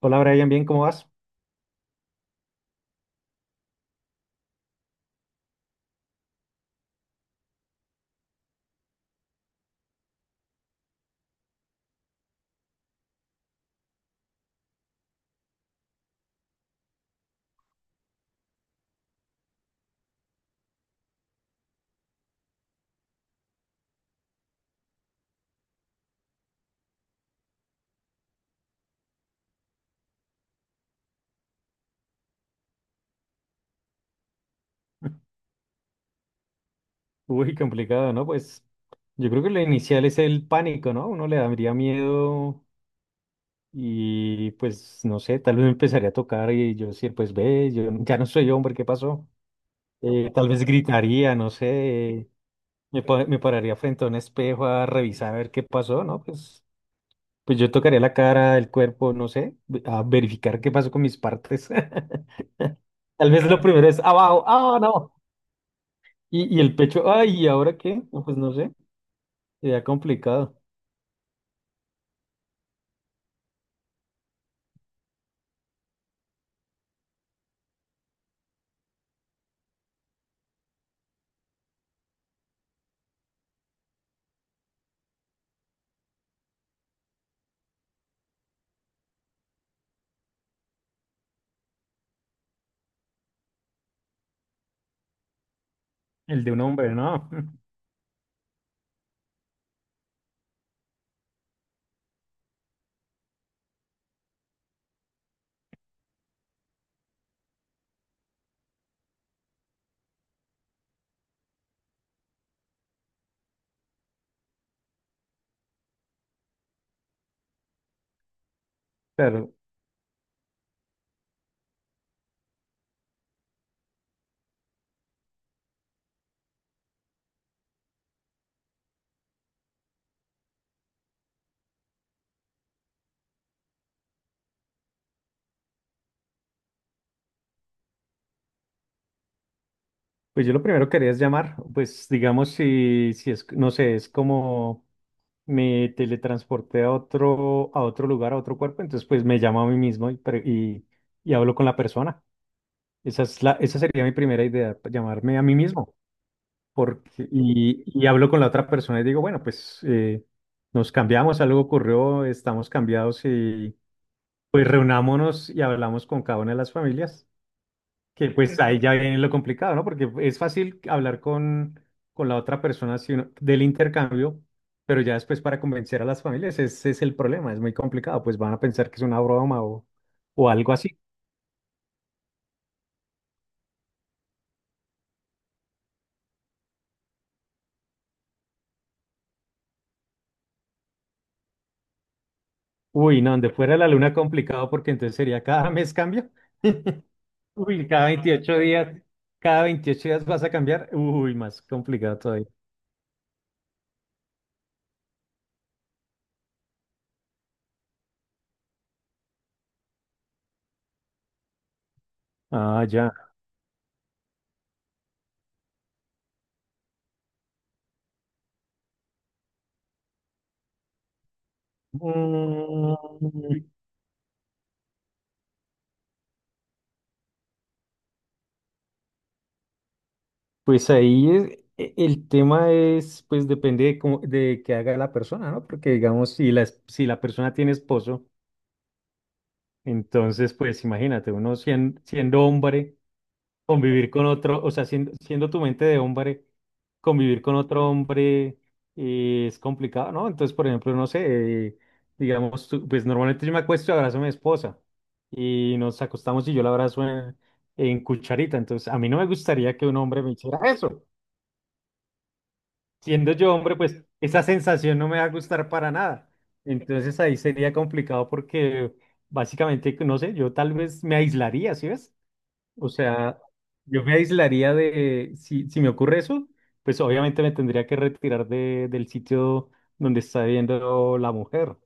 Hola Brian, bien, ¿cómo vas? Uy, complicado, ¿no? Pues yo creo que lo inicial es el pánico, ¿no? Uno le daría miedo y pues no sé, tal vez me empezaría a tocar y yo decir, pues ve, yo ya no soy hombre, ¿qué pasó? Tal vez gritaría, no sé, me pararía frente a un espejo a revisar a ver qué pasó, ¿no? Pues yo tocaría la cara, el cuerpo, no sé, a verificar qué pasó con mis partes. Tal vez lo primero es abajo, ah, no. Y el pecho, ay, ¿y ahora qué? No, pues no sé. Sería complicado el de un hombre, ¿no? Claro, pues yo lo primero que haría es llamar, pues digamos si es, no sé, es como me teletransporté a otro lugar, a otro cuerpo, entonces pues me llamo a mí mismo y y hablo con la persona. Esa es la, esa sería mi primera idea, llamarme a mí mismo. Porque, y hablo con la otra persona y digo, bueno, pues nos cambiamos, algo ocurrió, estamos cambiados y pues reunámonos y hablamos con cada una de las familias. Que pues ahí ya viene lo complicado, ¿no? Porque es fácil hablar con la otra persona si uno- del intercambio, pero ya después para convencer a las familias, ese es el problema, es muy complicado, pues van a pensar que es una broma o algo así. Uy, no, donde fuera la luna complicado porque entonces sería cada mes cambio. Uy, cada 28 días, cada 28 días vas a cambiar. Uy, más complicado todavía. Ah, ya. Mm. Pues el tema es, pues depende de cómo, de qué haga la persona, ¿no? Porque digamos, si la persona tiene esposo, entonces, pues imagínate, uno siendo, hombre, convivir con otro, o sea, siendo tu mente de hombre, convivir con otro hombre es complicado, ¿no? Entonces, por ejemplo, no sé, digamos, pues normalmente yo me acuesto y abrazo a mi esposa y nos acostamos y yo la abrazo en cucharita, entonces a mí no me gustaría que un hombre me hiciera eso. Siendo yo hombre, pues esa sensación no me va a gustar para nada. Entonces ahí sería complicado porque básicamente, no sé, yo tal vez me aislaría, ¿sí ves? O sea, yo me aislaría de, si me ocurre eso, pues obviamente me tendría que retirar de, del sitio donde está viendo la mujer.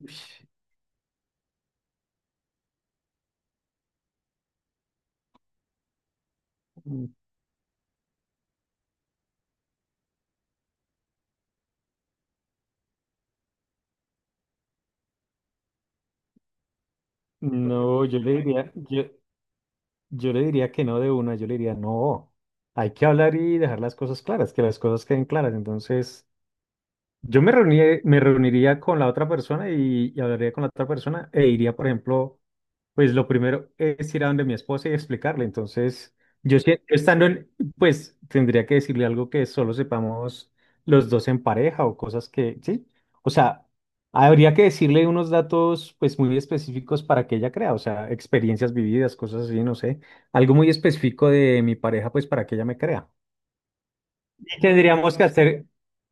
Ush, mm, no, yo le diría, yo le diría que no de una, yo le diría no. Hay que hablar y dejar las cosas claras, que las cosas queden claras. Entonces… me reuniría con la otra persona y hablaría con la otra persona e iría, por ejemplo, pues lo primero es ir a donde mi esposa y explicarle. Entonces, yo si- yo estando en, pues tendría que decirle algo que solo sepamos los dos en pareja o cosas que, sí. O sea, habría que decirle unos datos pues muy específicos para que ella crea, o sea, experiencias vividas, cosas así, no sé, algo muy específico de mi pareja pues para que ella me crea. Y tendríamos que hacer,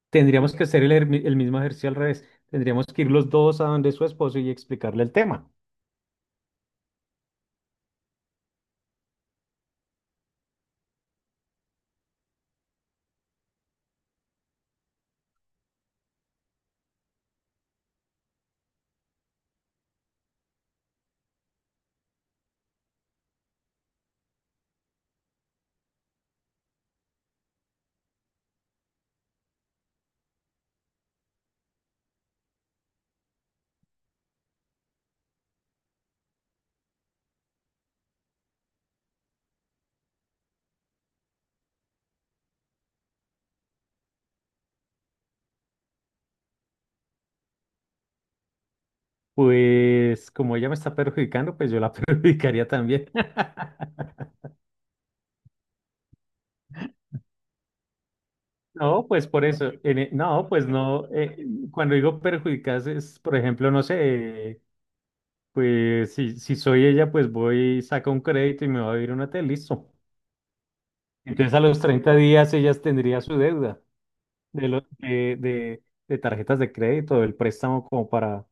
tendríamos que hacer el, el mismo ejercicio al revés. Tendríamos que ir los dos a donde su esposo y explicarle el tema. Pues como ella me está perjudicando, pues yo la perjudicaría también. No, pues por eso. No, pues no. Cuando digo perjudicas es, por ejemplo, no sé, pues si soy ella, pues voy, saco un crédito y me va a vivir un hotel, listo. Entonces a los 30 días ella tendría su deuda de, de tarjetas de crédito, del préstamo como para…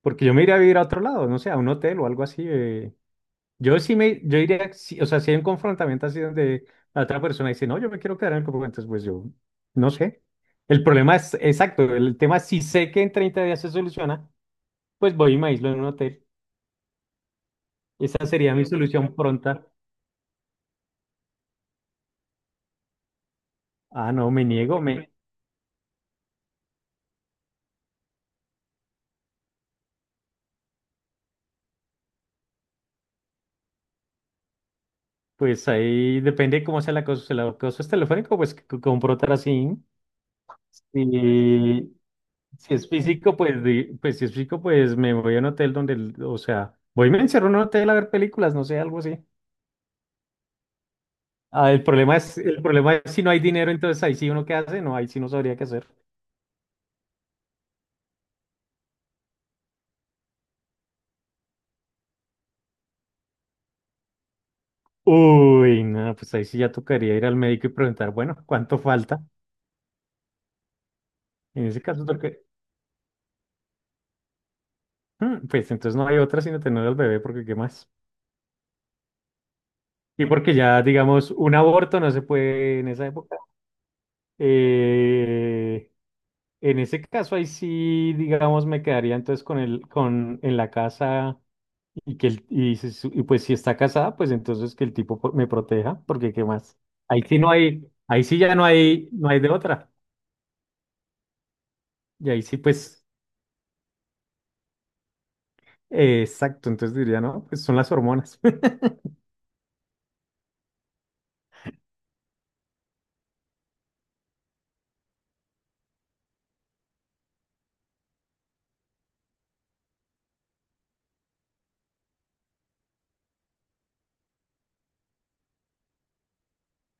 Porque yo me iría a vivir a otro lado, no sé, a un hotel o algo así. Yo yo iría, sí, o sea, si hay un confrontamiento así donde la otra persona dice, no, yo me quiero quedar en el campamento, entonces, pues yo, no sé. El problema es, exacto, el tema, si sé que en 30 días se soluciona, pues voy y me aíslo en un hotel. Esa sería mi solución pronta. Ah, no, me niego, me, pues ahí depende de cómo sea la cosa. Si la cosa es telefónico, pues con un así. Y, si es físico, pues, pues si es físico, pues me voy a un hotel donde, o sea, voy y me encierro en un hotel a ver películas, no sé, algo así. Ah, el problema es si no hay dinero, entonces ahí sí uno qué hace, no, ahí sí no sabría qué hacer. Uy, no, pues ahí sí ya tocaría ir al médico y preguntar, bueno, ¿cuánto falta? En ese caso, porque, mm, pues entonces no hay otra sino tener al bebé, porque ¿qué más? Y porque ya, digamos, un aborto no se puede en esa época. Eh, En ese caso, ahí sí, digamos, me quedaría entonces con el, con, en la casa y que el, y, y pues si está casada, pues entonces que el tipo me proteja, porque qué más. Ahí sí no hay, ahí sí ya no hay, no hay de otra. Y ahí sí, pues, exacto, entonces diría, no, pues son las hormonas.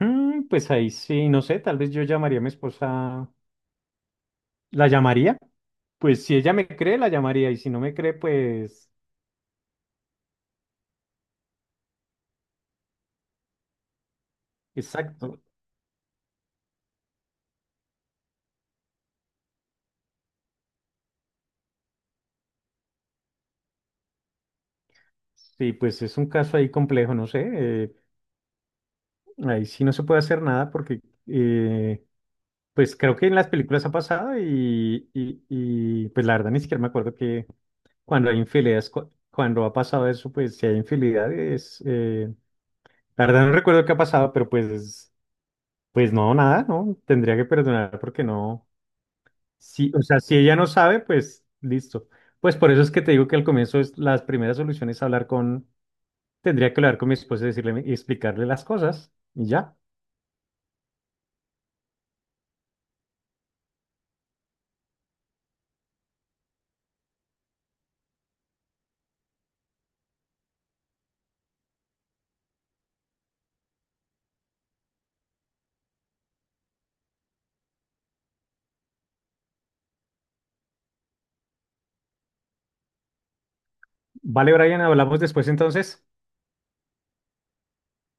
Mm, pues ahí sí, no sé, tal vez yo llamaría a mi esposa, la llamaría, pues si ella me cree, la llamaría, y si no me cree, pues, exacto. Sí, pues es un caso ahí complejo, no sé. eh, Ahí sí no se puede hacer nada porque, eh, pues creo que en las películas ha pasado pues la verdad ni siquiera me acuerdo que cuando hay infidelidades, cuando ha pasado eso, pues si hay infidelidades, la verdad no recuerdo qué ha pasado, pero pues, pues no, nada, ¿no? Tendría que perdonar porque no, sí, o sea, si ella no sabe, pues listo. Pues por eso es que te digo que al comienzo es, las primeras soluciones es hablar con, tendría que hablar con mi esposa y decirle y explicarle las cosas y ya. Vale, Brian, hablamos después entonces.